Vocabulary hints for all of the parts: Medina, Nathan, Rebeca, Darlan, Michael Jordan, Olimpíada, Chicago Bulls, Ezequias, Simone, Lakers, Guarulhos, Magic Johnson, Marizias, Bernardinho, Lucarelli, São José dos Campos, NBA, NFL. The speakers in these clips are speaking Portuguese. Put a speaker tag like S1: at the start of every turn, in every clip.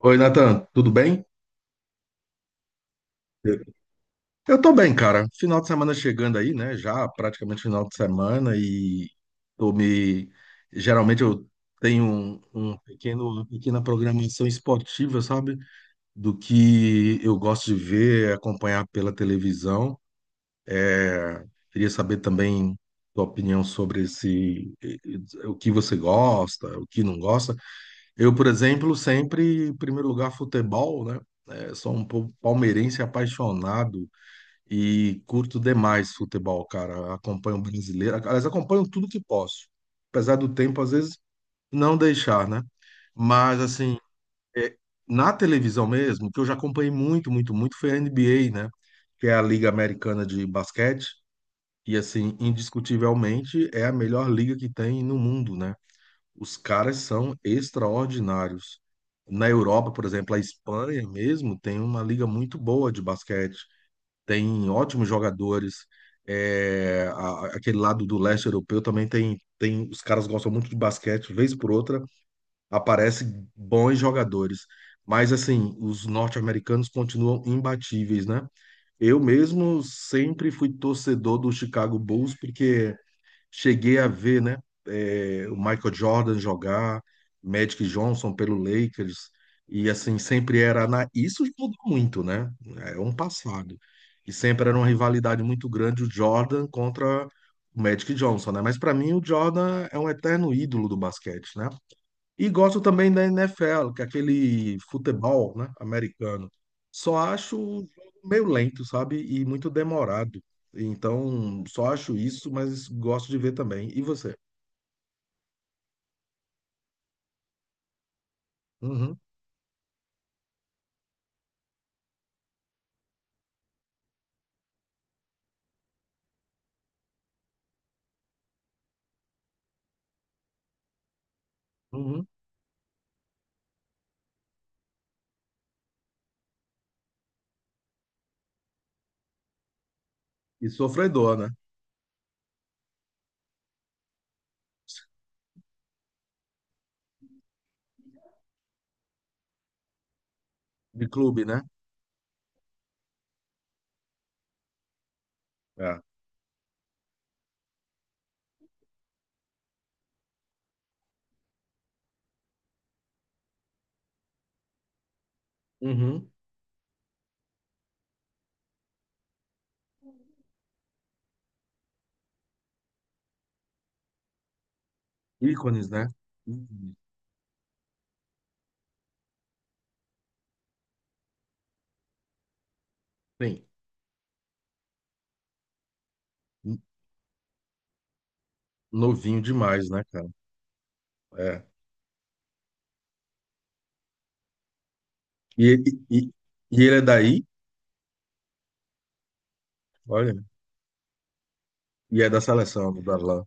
S1: Oi, Nathan, tudo bem? Eu tô bem, cara. Final de semana chegando aí, né? Já praticamente final de semana e tô me... Geralmente eu tenho um pequeno, uma pequena programação esportiva, sabe? Do que eu gosto de ver, acompanhar pela televisão. É, Queria saber também tua opinião sobre o que você gosta, o que não gosta. Eu, por exemplo, sempre, em primeiro lugar, futebol, né? Sou palmeirense apaixonado e curto demais futebol, cara. Acompanho o brasileiro, aliás, acompanho tudo que posso. Apesar do tempo, às vezes, não deixar, né? Mas, assim, é, na televisão mesmo, que eu já acompanhei muito, muito, muito, foi a NBA, né? Que é a Liga Americana de Basquete. E, assim, indiscutivelmente, é a melhor liga que tem no mundo, né? Os caras são extraordinários. Na Europa, por exemplo, a Espanha mesmo tem uma liga muito boa de basquete, tem ótimos jogadores. É, aquele lado do leste europeu também tem. Os caras gostam muito de basquete, vez por outra aparecem bons jogadores. Mas assim, os norte-americanos continuam imbatíveis, né? Eu mesmo sempre fui torcedor do Chicago Bulls, porque cheguei a ver, né, o Michael Jordan jogar, Magic Johnson pelo Lakers, e assim, sempre era na... Isso mudou muito, né? É um passado. E sempre era uma rivalidade muito grande o Jordan contra o Magic Johnson, né? Mas para mim o Jordan é um eterno ídolo do basquete, né? E gosto também da NFL, que é aquele futebol, né, americano. Só acho o jogo meio lento, sabe? E muito demorado. Então, só acho isso, mas gosto de ver também. E você? Uhum, uhum. E sofredor, né? De clube, né? É. Uhum. Ícones, né? Uhum. Sim. Novinho demais, né, cara? É. E, ele- e, e ele é daí, olha, e é da seleção do Darlan.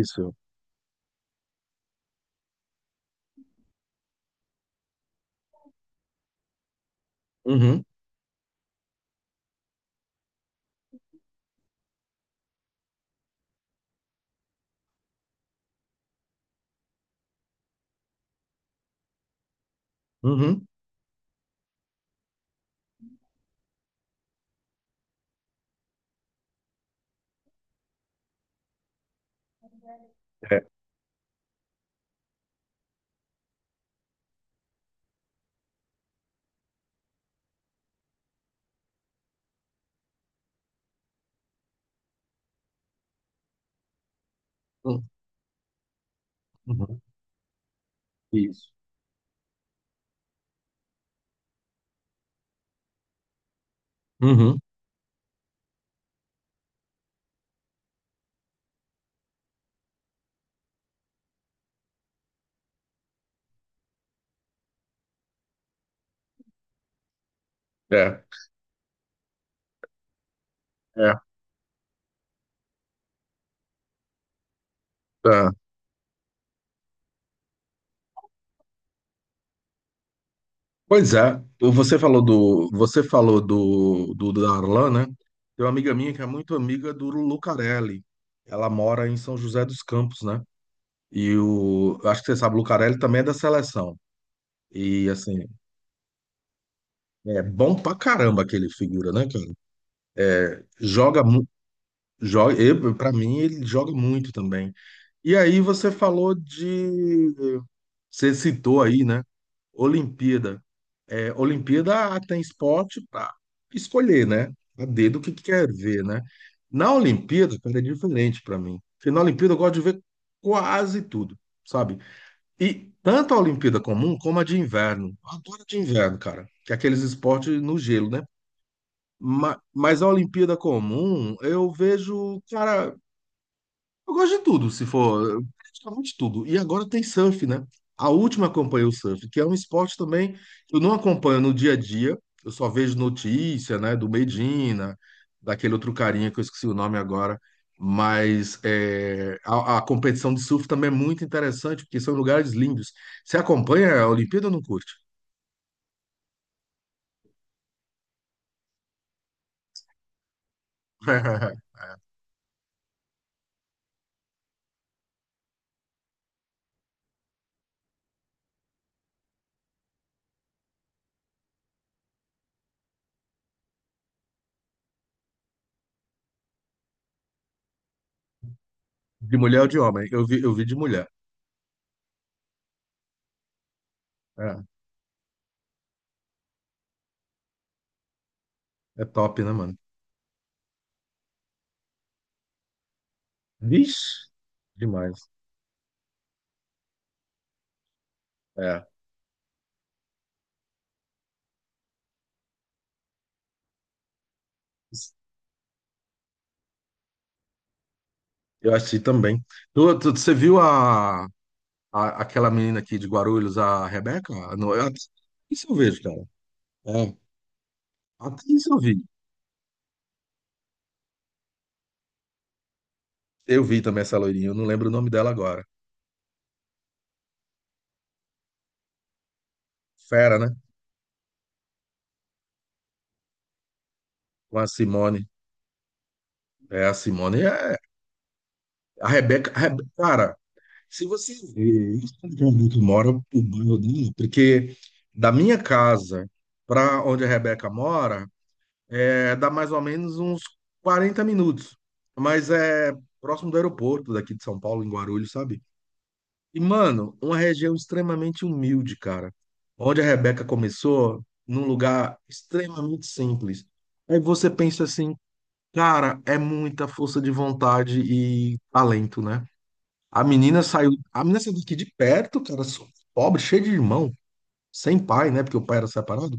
S1: Isso. Uhum, uhum. É. Uhum. Isso. Uhum. É, é, tá. Pois é, você falou do, do Darlan, né? Tem uma amiga minha que é muito amiga do Lucarelli. Ela mora em São José dos Campos, né? E o, acho que você sabe, o Lucarelli também é da seleção. E assim, é bom pra caramba aquele figura, né, cara? Joga, mu- joga, pra mim ele joga muito também. E aí você falou de você citou aí, né? Olimpíada. É, Olimpíada tem esporte para escolher, né? A dedo o que que quer ver, né? Na Olimpíada, cara, é diferente para mim. Porque na Olimpíada eu gosto de ver quase tudo, sabe? E tanto a Olimpíada comum como a de inverno. Eu adoro a de inverno, cara. Que é aqueles esportes no gelo, né? Mas a Olimpíada comum, eu vejo, cara, eu gosto de tudo, se for, praticamente tudo. E agora tem surf, né? A última acompanhei o surf, que é um esporte também que eu não acompanho no dia a dia. Eu só vejo notícia, né, do Medina, daquele outro carinha que eu esqueci o nome agora. Mas é, a competição de surf também é muito interessante, porque são lugares lindos. Você acompanha a Olimpíada ou não curte? De mulher ou de homem? Eu vi de mulher. É, é top, né, mano? Vixe, demais. É. Eu assisti também. Você viu aquela menina aqui de Guarulhos, a Rebeca? Não, isso eu vejo, cara. É, até isso eu vi. Eu vi também essa loirinha, eu não lembro o nome dela agora. Fera, né? Com a Simone. É, a Simone é. A Rebeca, a Rebe- cara, se você ver onde que a Rebeca mora, o bairro dela, porque da minha casa para onde a Rebeca mora, é, dá mais ou menos uns 40 minutos. Mas é próximo do aeroporto daqui de São Paulo, em Guarulhos, sabe? E, mano, uma região extremamente humilde, cara. Onde a Rebeca começou, num lugar extremamente simples. Aí você pensa assim, cara, é muita força de vontade e talento, né? A menina saiu daqui de perto, cara, pobre, cheia de irmão, sem pai, né? Porque o pai era separado.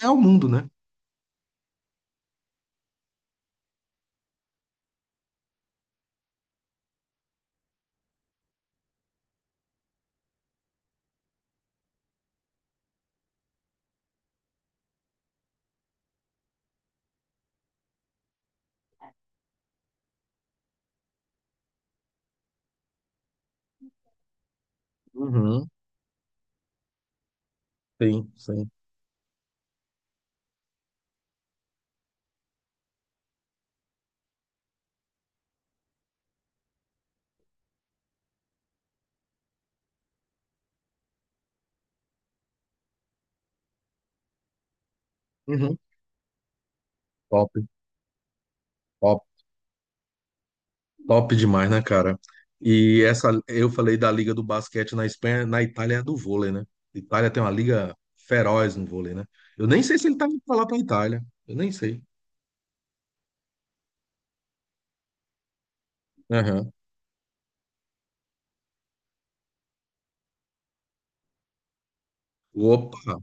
S1: É o mundo, né? Uhum, sim, sim. Uhum, top. Top. Top demais, né, cara? E essa, eu falei da Liga do Basquete na Espanha, na Itália é do vôlei, né? Itália tem uma liga feroz no vôlei, né? Eu nem sei se ele tá indo pra lá pra Itália. Eu nem sei. Aham. Opa,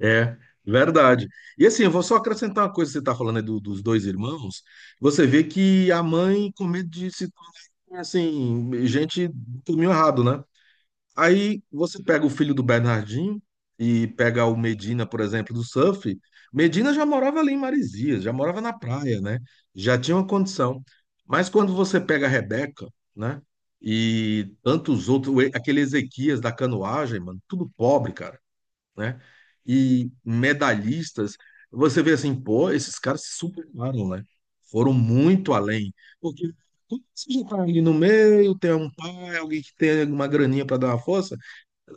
S1: é verdade. E assim, eu vou só acrescentar uma coisa, que você tá falando aí do- dos dois irmãos, você vê que a mãe com medo de se tornar, assim, gente do caminho errado, né? Aí você pega o filho do Bernardinho e pega o Medina, por exemplo, do surf. Medina já morava ali em Marizias, já morava na praia, né? Já tinha uma condição. Mas quando você pega a Rebeca, né? E tantos outros, aquele Ezequias da canoagem, mano, tudo pobre, cara, né? E medalhistas, você vê assim, pô, esses caras se superaram, né? Foram muito além. Porque quando você já tá ali no meio, tem um pai, alguém que tem uma graninha para dar uma força.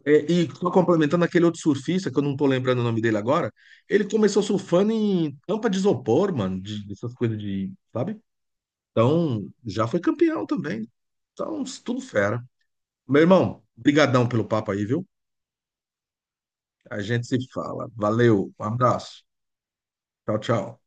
S1: É, e só complementando aquele outro surfista, que eu não tô lembrando o nome dele agora, ele começou surfando em tampa de isopor, mano, de- dessas coisas de, sabe? Então, já foi campeão também. Então, tudo fera. Meu irmão, brigadão pelo papo aí, viu? A gente se fala. Valeu, um abraço. Tchau, tchau.